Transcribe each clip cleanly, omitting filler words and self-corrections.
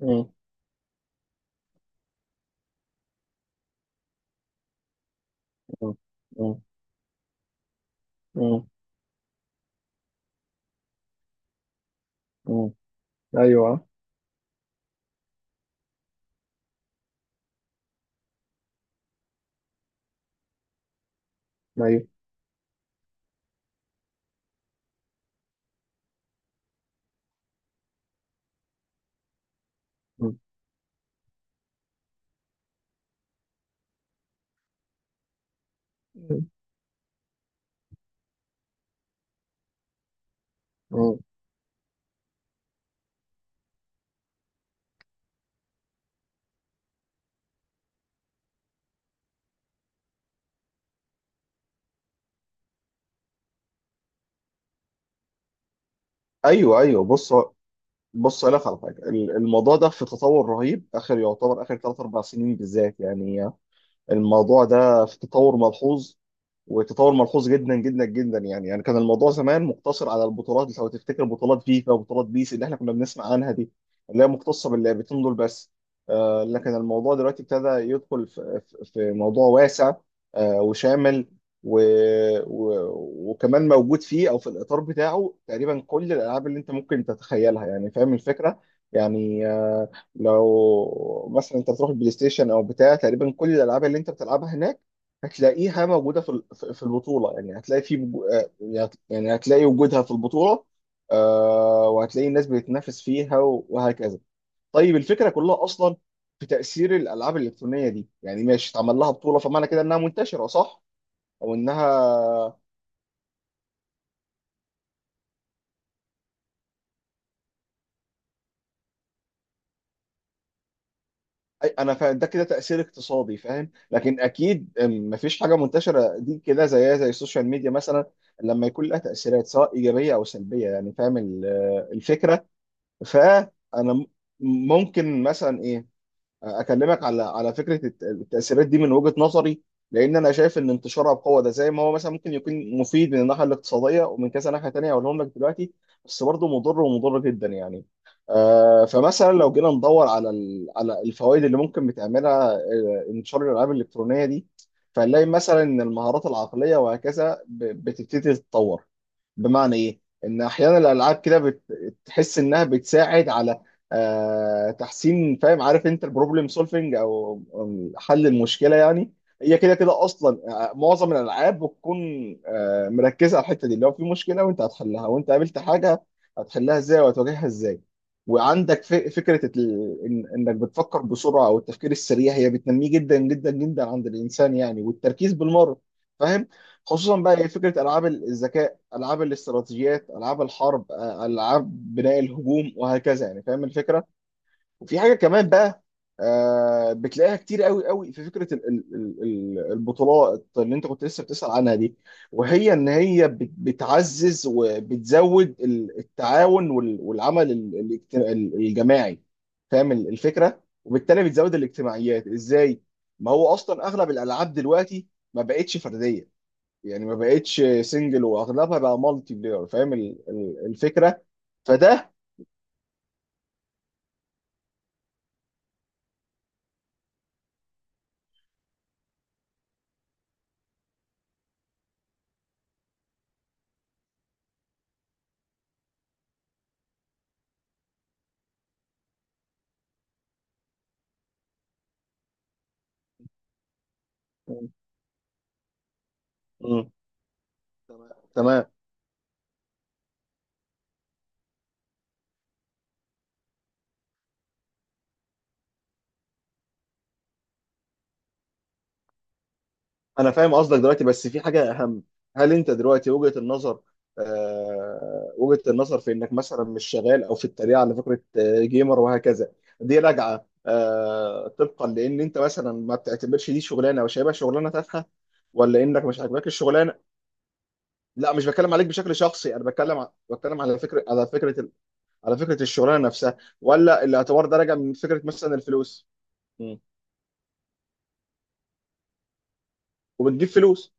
مم. مم. مم. مم. مم. ايوه، ايوه. مم. مم. ايوه، ايوه. بص، بص، أقول لك على حاجه. الموضوع ده في تطور رهيب، اخر يعتبر اخر 3 4 سنين بالذات، يعني الموضوع ده في تطور ملحوظ، وتطور ملحوظ جدا جدا جدا. يعني كان الموضوع زمان مقتصر على البطولات، لو تفتكر بطولات فيفا وبطولات بيس اللي احنا كنا بنسمع عنها دي، اللي هي مختصه باللعبتين دول بس. آه، لكن الموضوع دلوقتي ابتدى يدخل في موضوع واسع وشامل، و و وكمان موجود فيه او في الاطار بتاعه تقريبا كل الالعاب اللي انت ممكن تتخيلها، يعني فاهم الفكره. يعني، لو مثلا انت بتروح البلاي ستيشن او بتاع، تقريبا كل الالعاب اللي انت بتلعبها هناك هتلاقيها موجوده في البطوله. يعني هتلاقي يعني هتلاقي وجودها في البطوله. وهتلاقي الناس بتتنافس فيها، وهكذا. طيب الفكره كلها اصلا في تاثير الالعاب الالكترونيه دي، يعني ماشي اتعمل لها بطوله، فمعنى كده انها منتشره، صح؟ او انها انا فاهم ده، كده تاثير اقتصادي، فاهم، لكن اكيد، مفيش حاجه منتشره دي كده، زيها زي السوشيال ميديا مثلا، لما يكون لها تاثيرات سواء ايجابيه او سلبيه، يعني فاهم الفكره. فانا ممكن مثلا ايه، اكلمك على فكره التاثيرات دي من وجهه نظري، لان انا شايف ان انتشارها بقوه ده زي ما هو مثلا ممكن يكون مفيد من الناحيه الاقتصاديه ومن كذا ناحيه تانيه هقولهم لك دلوقتي، بس برضه مضر ومضر جدا يعني. فمثلا لو جينا ندور على على الفوائد اللي ممكن بتعملها، انتشار الالعاب الالكترونيه دي، فنلاقي مثلا ان المهارات العقليه وهكذا بتبتدي تتطور. بمعنى ايه؟ ان احيانا الالعاب كده بتحس انها بتساعد على تحسين، فاهم، عارف انت البروبلم سولفنج، او حل المشكله يعني. هي كده كده اصلا، معظم الالعاب بتكون مركزه على الحته دي. لو في مشكله وانت هتحلها، وانت قابلت حاجه هتحلها ازاي وهتواجهها ازاي. وعندك فكره انك بتفكر بسرعه، او التفكير السريع هي بتنميه جدا جدا جدا عند الانسان يعني، والتركيز بالمره، فاهم. خصوصا بقى إيه فكره العاب الذكاء، العاب الاستراتيجيات، العاب الحرب، العاب بناء الهجوم وهكذا، يعني فاهم الفكره. وفي حاجه كمان بقى، بتلاقيها كتير قوي قوي في فكره البطولات اللي انت كنت لسه بتسال عنها دي، وهي ان هي بتعزز وبتزود التعاون والعمل الجماعي، فاهم الفكره. وبالتالي بتزود الاجتماعيات ازاي؟ ما هو اصلا اغلب الالعاب دلوقتي ما بقتش فرديه، يعني ما بقتش سنجل واغلبها بقى مالتي بلاير، فاهم الفكره. فده. مم. تمام. انا فاهم قصدك دلوقتي، بس في حاجه اهم. هل انت دلوقتي وجهه النظر، وجهه النظر في انك مثلا مش شغال، او في التريقه على فكره جيمر وهكذا، دي راجعه طبقا لان انت مثلا ما بتعتبرش دي شغلانه، او شايفها شغلانه تافهه، ولا انك مش عاجباك الشغلانه؟ لا، مش بتكلم عليك بشكل شخصي، انا بتكلم بتكلم على فكره الشغلانه نفسها، ولا الاعتبار ده راجع من فكره مثلا الفلوس. مم. وبتجيب فلوس.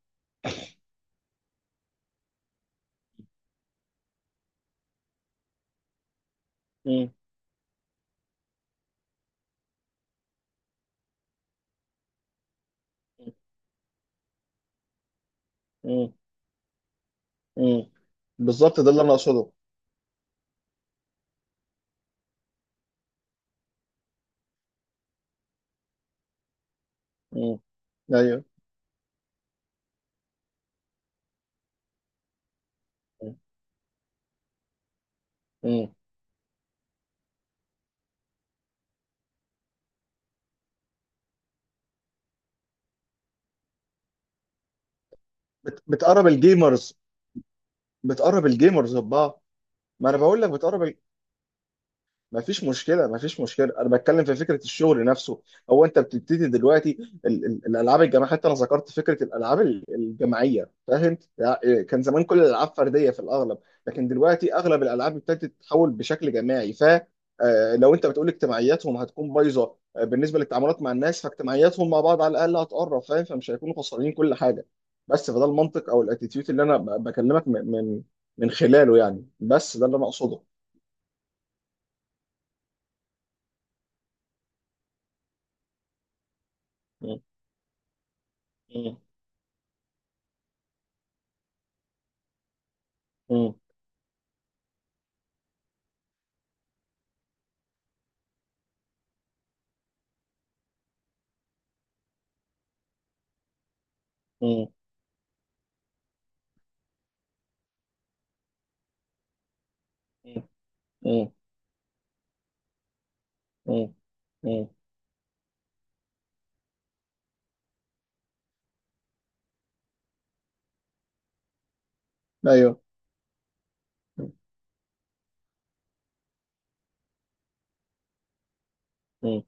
مم. مم. مم. بالظبط، ده اللي انا اقصده. مم. ايوه. مم. بتقرب الجيمرز، بتقرب الجيمرز ببعض. ما انا بقول لك بتقرب. ما فيش مشكلة، ما فيش مشكلة، أنا بتكلم في فكرة الشغل نفسه. هو أنت بتبتدي دلوقتي الألعاب الجماعية، حتى أنا ذكرت فكرة الألعاب الجماعية، فاهم يعني. كان زمان كل الألعاب فردية في الأغلب، لكن دلوقتي أغلب الألعاب ابتدت تتحول بشكل جماعي، ف آه، لو أنت بتقول اجتماعياتهم هتكون بايظة، بالنسبة للتعاملات مع الناس، فاجتماعياتهم مع بعض على الأقل هتقرب، فاهم، فمش هيكونوا خسرانين كل حاجة. بس فده المنطق أو الاتيتيود اللي أنا بكلمك من خلاله يعني، بس ده اللي أنا أقصده. م- م- م. مم. مم. مم. مم. ايوه. مم.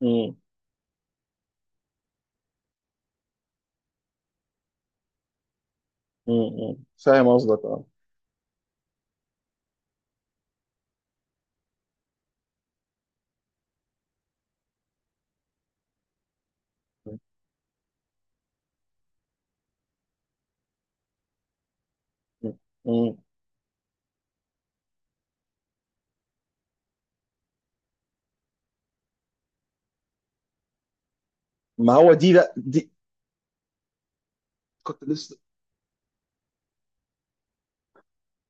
مم. مم. فاهم قصدك، اه. مم. مم. ما هو دي بقى دي. كنت لسه.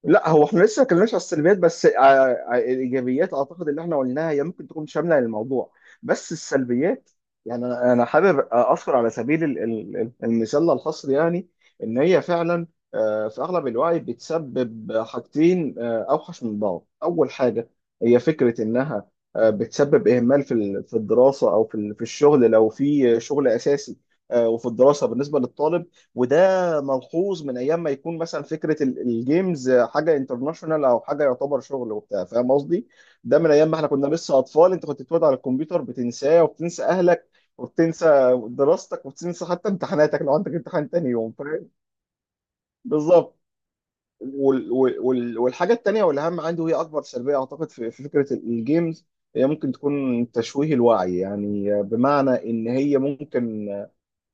لا، هو احنا لسه ما اتكلمناش على السلبيات، بس الايجابيات اعتقد اللي احنا قلناها هي ممكن تكون شامله للموضوع، بس السلبيات، يعني انا حابب اذكر على سبيل المثال الحصر يعني، ان هي فعلا في اغلب الوعي بتسبب حاجتين اوحش من بعض. اول حاجه هي فكره انها بتسبب اهمال في في الدراسه، او في في الشغل لو في شغل اساسي، وفي الدراسه بالنسبه للطالب. وده ملحوظ من ايام ما يكون مثلا فكره الجيمز حاجه انترناشونال او حاجه يعتبر شغل وبتاع، فاهم قصدي؟ ده من ايام ما احنا كنا لسه اطفال، انت كنت بتقعد على الكمبيوتر بتنساه وبتنسى اهلك، وبتنسى دراستك وبتنسى حتى امتحاناتك لو عندك امتحان تاني يوم، فاهم؟ بالظبط. والحاجه التانيه والاهم عندي، وهي اكبر سلبيه اعتقد في فكره الجيمز، هي ممكن تكون تشويه الوعي. يعني بمعنى ان هي ممكن،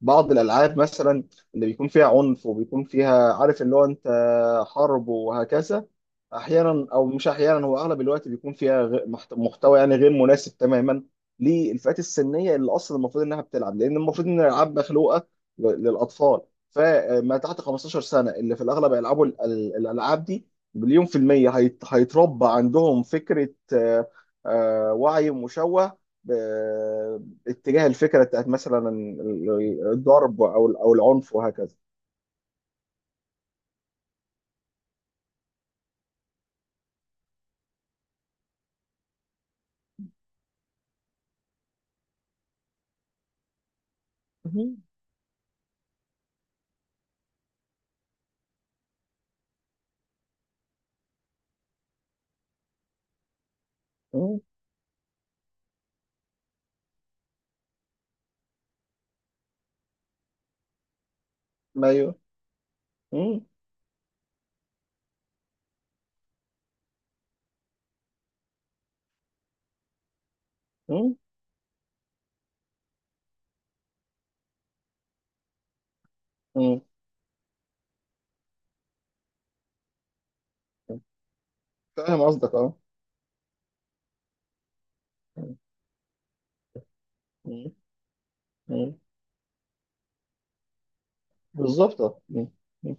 بعض الالعاب مثلا اللي بيكون فيها عنف، وبيكون فيها عارف اللي هو انت، حرب وهكذا. احيانا او مش احيانا، هو اغلب الوقت بيكون فيها محتوى يعني غير مناسب تماما للفئات السنيه اللي اصلا المفروض انها بتلعب، لان المفروض ان الالعاب مخلوقه للاطفال. فما تحت 15 سنه اللي في الاغلب يلعبوا الالعاب دي، 1000000% هيتربى عندهم فكره، وعي مشوه اتجاه الفكره بتاعت مثلا الضرب، او او العنف وهكذا. مم. مم. ايوه. مم. مم. مم. فاهم قصدك، اه. مم. مم. بالظبط، اه. مم. مم.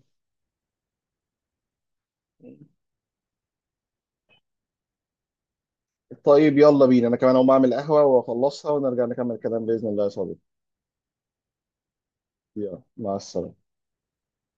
طيب، يلا بينا. انا كمان اقوم اعمل قهوه واخلصها ونرجع نكمل الكلام باذن الله يا صديقي. يلا، مع السلامه.